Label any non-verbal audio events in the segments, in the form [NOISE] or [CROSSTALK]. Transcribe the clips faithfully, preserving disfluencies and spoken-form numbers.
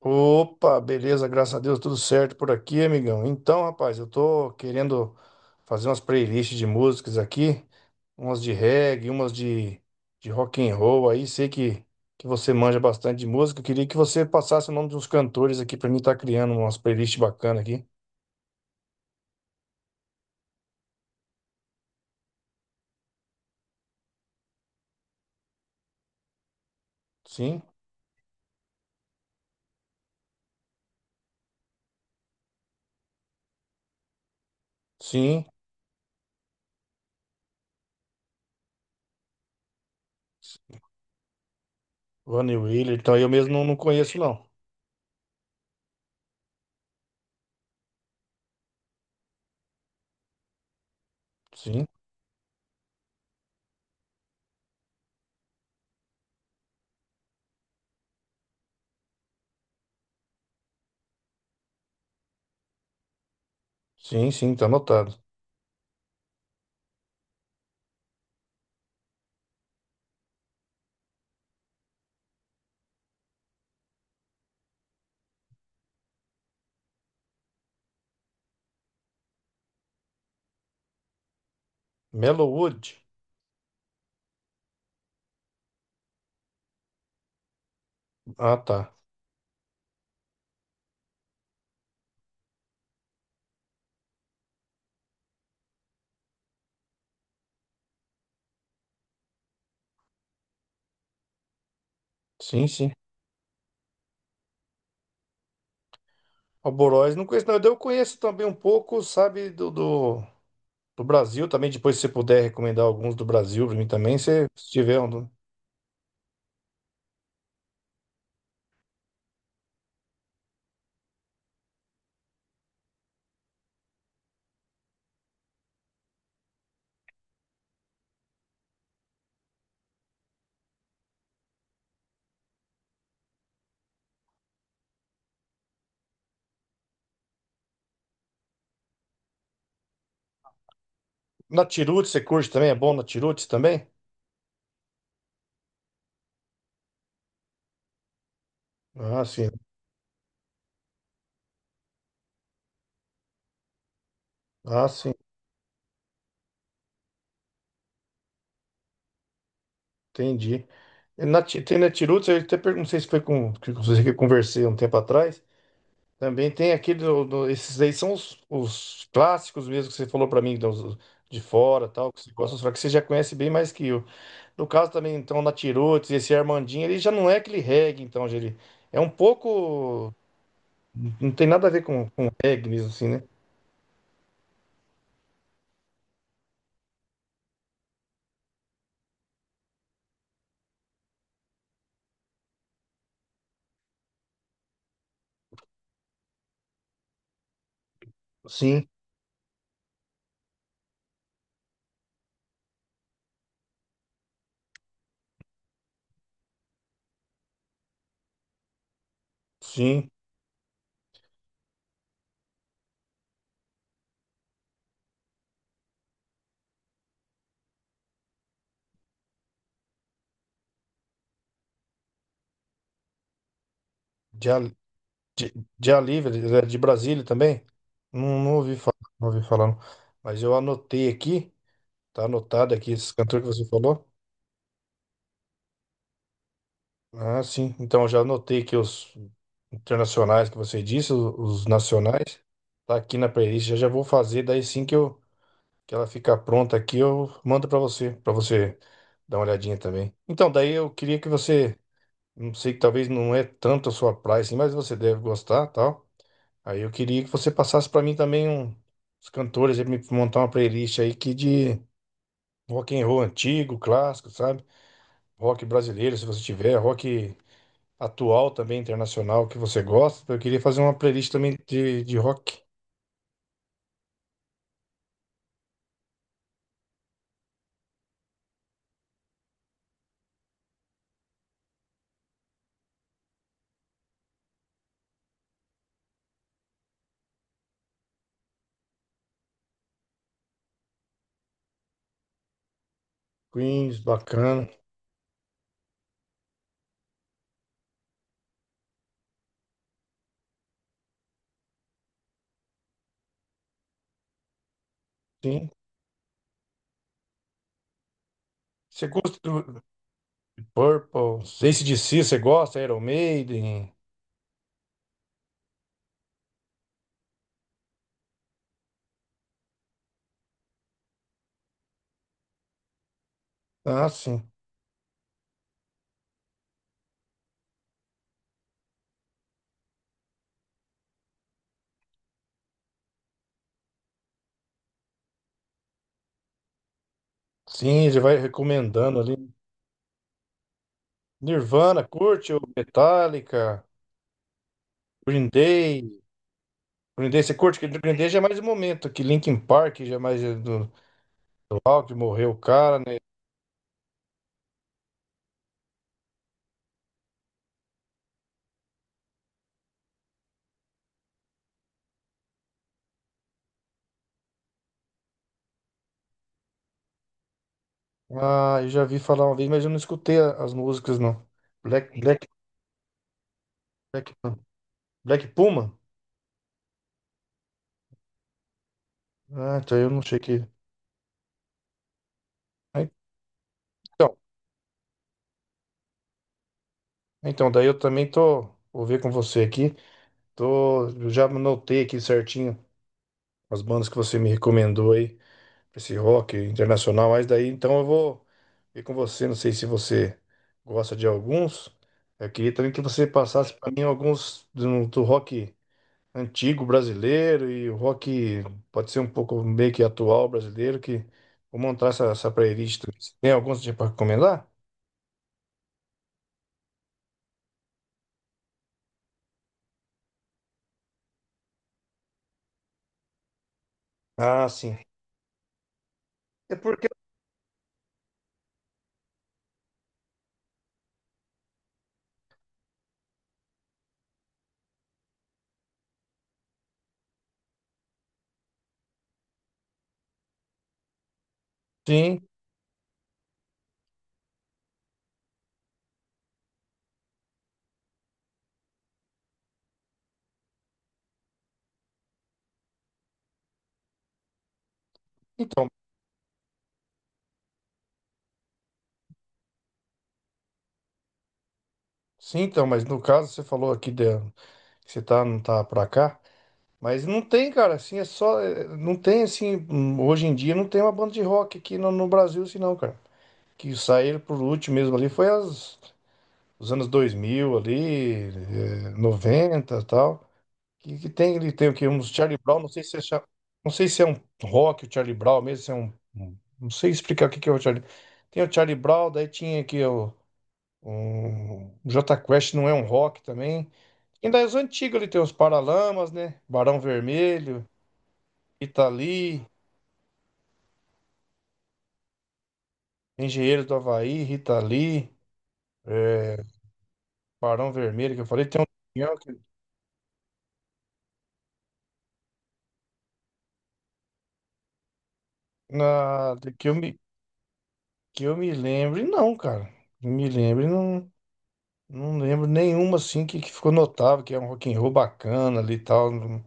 Opa, beleza, graças a Deus, tudo certo por aqui, amigão. Então, rapaz, eu tô querendo fazer umas playlists de músicas aqui, umas de reggae, umas de, de rock and roll aí. Sei que, que você manja bastante de música. Eu queria que você passasse o nome de uns cantores aqui pra mim estar criando umas playlists bacanas aqui. Sim, sim. Ronnie Wheeler, então eu mesmo não, não conheço, não. Sim, sim, sim, tá anotado. Mellow Wood? Ah, tá. Sim, sim. O Borós não conheço, não. Eu conheço também um pouco, sabe, do, do, do Brasil também. Depois, se você puder recomendar alguns do Brasil pra mim também, se, se tiver um. Na Tirutes, você curte também? É bom na Tirutes também? Ah, sim. Ah, sim. Entendi. E Na, Ti- tem na Tirutes, eu até perguntei, não sei se foi com que com você que eu conversei um tempo atrás. Também tem aquele, do- do- esses aí são os, os clássicos mesmo que você falou pra mim, dos, de fora, tal, que você gosta, só que você já conhece bem mais que eu. No caso também, então, o Natiruts, esse Armandinho, ele já não é aquele reggae, então, já ele é um pouco. Não tem nada a ver com, com reggae mesmo, assim, né? Sim, sim. De, Al- de, de Alívio, ele é de Brasília também? Não, não ouvi falar, não ouvi falar, não. Mas eu anotei aqui, tá anotado aqui esses cantores que você falou. Ah, sim. Então, eu já anotei aqui os internacionais que você disse, os, os nacionais. Tá aqui na playlist, já já vou fazer, daí sim que eu. Que ela ficar pronta aqui, eu mando para você, para você dar uma olhadinha também. Então, daí eu queria que você, não sei, que talvez não é tanto a sua praia assim, mas você deve gostar, tal. Aí eu queria que você passasse para mim também um, os cantores, aí me montar uma playlist aí que de rock and roll antigo, clássico, sabe? Rock brasileiro, se você tiver, rock atual também internacional que você gosta. Eu queria fazer uma playlist também de, de rock. Queens, bacana. Sim. Você gosta? Do. Purple. A C/D C, você gosta? Iron Maiden? Ah, sim. Sim, ele vai recomendando ali. Nirvana, curte o Metallica, Green Day. Green Day, você curte? Porque Green Day já é mais um momento aqui. Linkin Park já é mais do, do rock, morreu o cara, né? Ah, eu já vi falar uma vez, mas eu não escutei a- as músicas, não. Black, Black, Black, Black Puma? Ah, então eu não sei que. Ah, então, então, daí eu também tô. Vou ver com você aqui. Tô, eu já anotei aqui certinho as bandas que você me recomendou aí, pra esse rock internacional, mas daí então eu vou ver com você, não sei se você gosta de alguns. Eu queria também que você passasse para mim alguns do, do rock antigo brasileiro e o rock pode ser um pouco meio que atual brasileiro, que vou montar essa, essa playlist também. Você tem alguns para recomendar? Ah, sim. É porque sim, então, sim, então, mas no caso você falou aqui de, que você tá, não tá para cá. Mas não tem, cara, assim, é só. É, não tem, assim, hum, hoje em dia não tem uma banda de rock aqui no, no Brasil, assim, não, cara. Que saíram por último mesmo ali foi as, os anos dois mil ali, é, noventa e tal. Que, que tem, ele tem o quê? Uns Charlie Brown, não sei se é, cha- não sei se é um rock, o Charlie Brown mesmo, se é um. um- Não sei explicar o que que é o Charlie. Tem o Charlie Brown, daí tinha aqui o. Um, o Jota Quest não é um rock também. E das antigas ali tem os Paralamas, né? Barão Vermelho. Rita Lee, Engenheiros do Havaí, Rita Lee, é, Barão Vermelho, que eu falei, tem um caminhão que, na, que, eu me, que eu me lembre, não, cara. Me lembre, não, não lembro nenhuma assim que, que ficou notável, que é um rock and roll bacana ali e tal. Não,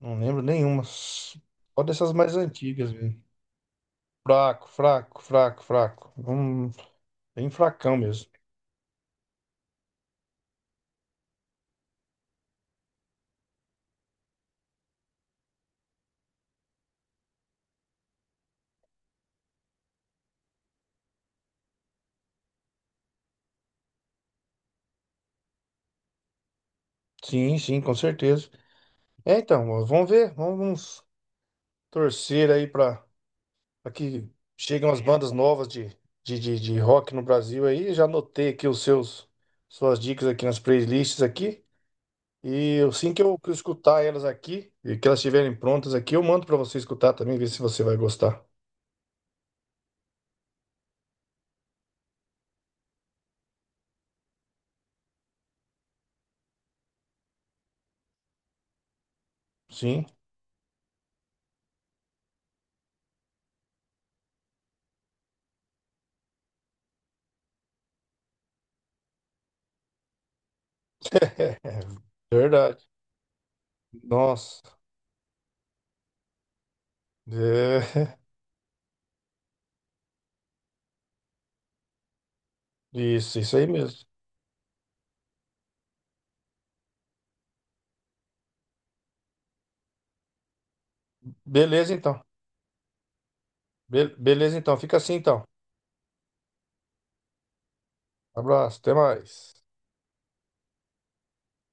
não lembro nenhuma. Só dessas mais antigas mesmo. Fraco, fraco, fraco, fraco. Hum, bem fracão mesmo. Sim, sim, com certeza. É, então, ó, vamos ver, vamos torcer aí pra. Aqui chegam as bandas novas de, de, de, de rock no Brasil aí. Já anotei aqui os seus suas dicas aqui nas playlists aqui. E assim que eu, que eu escutar elas aqui e que elas estiverem prontas aqui, eu mando para você escutar também, ver se você vai gostar. Sim. [LAUGHS] É, verdade. Nossa. É, Isso, isso aí mesmo. Beleza, então. Be- beleza, então. Fica assim, então. Abraço, até mais.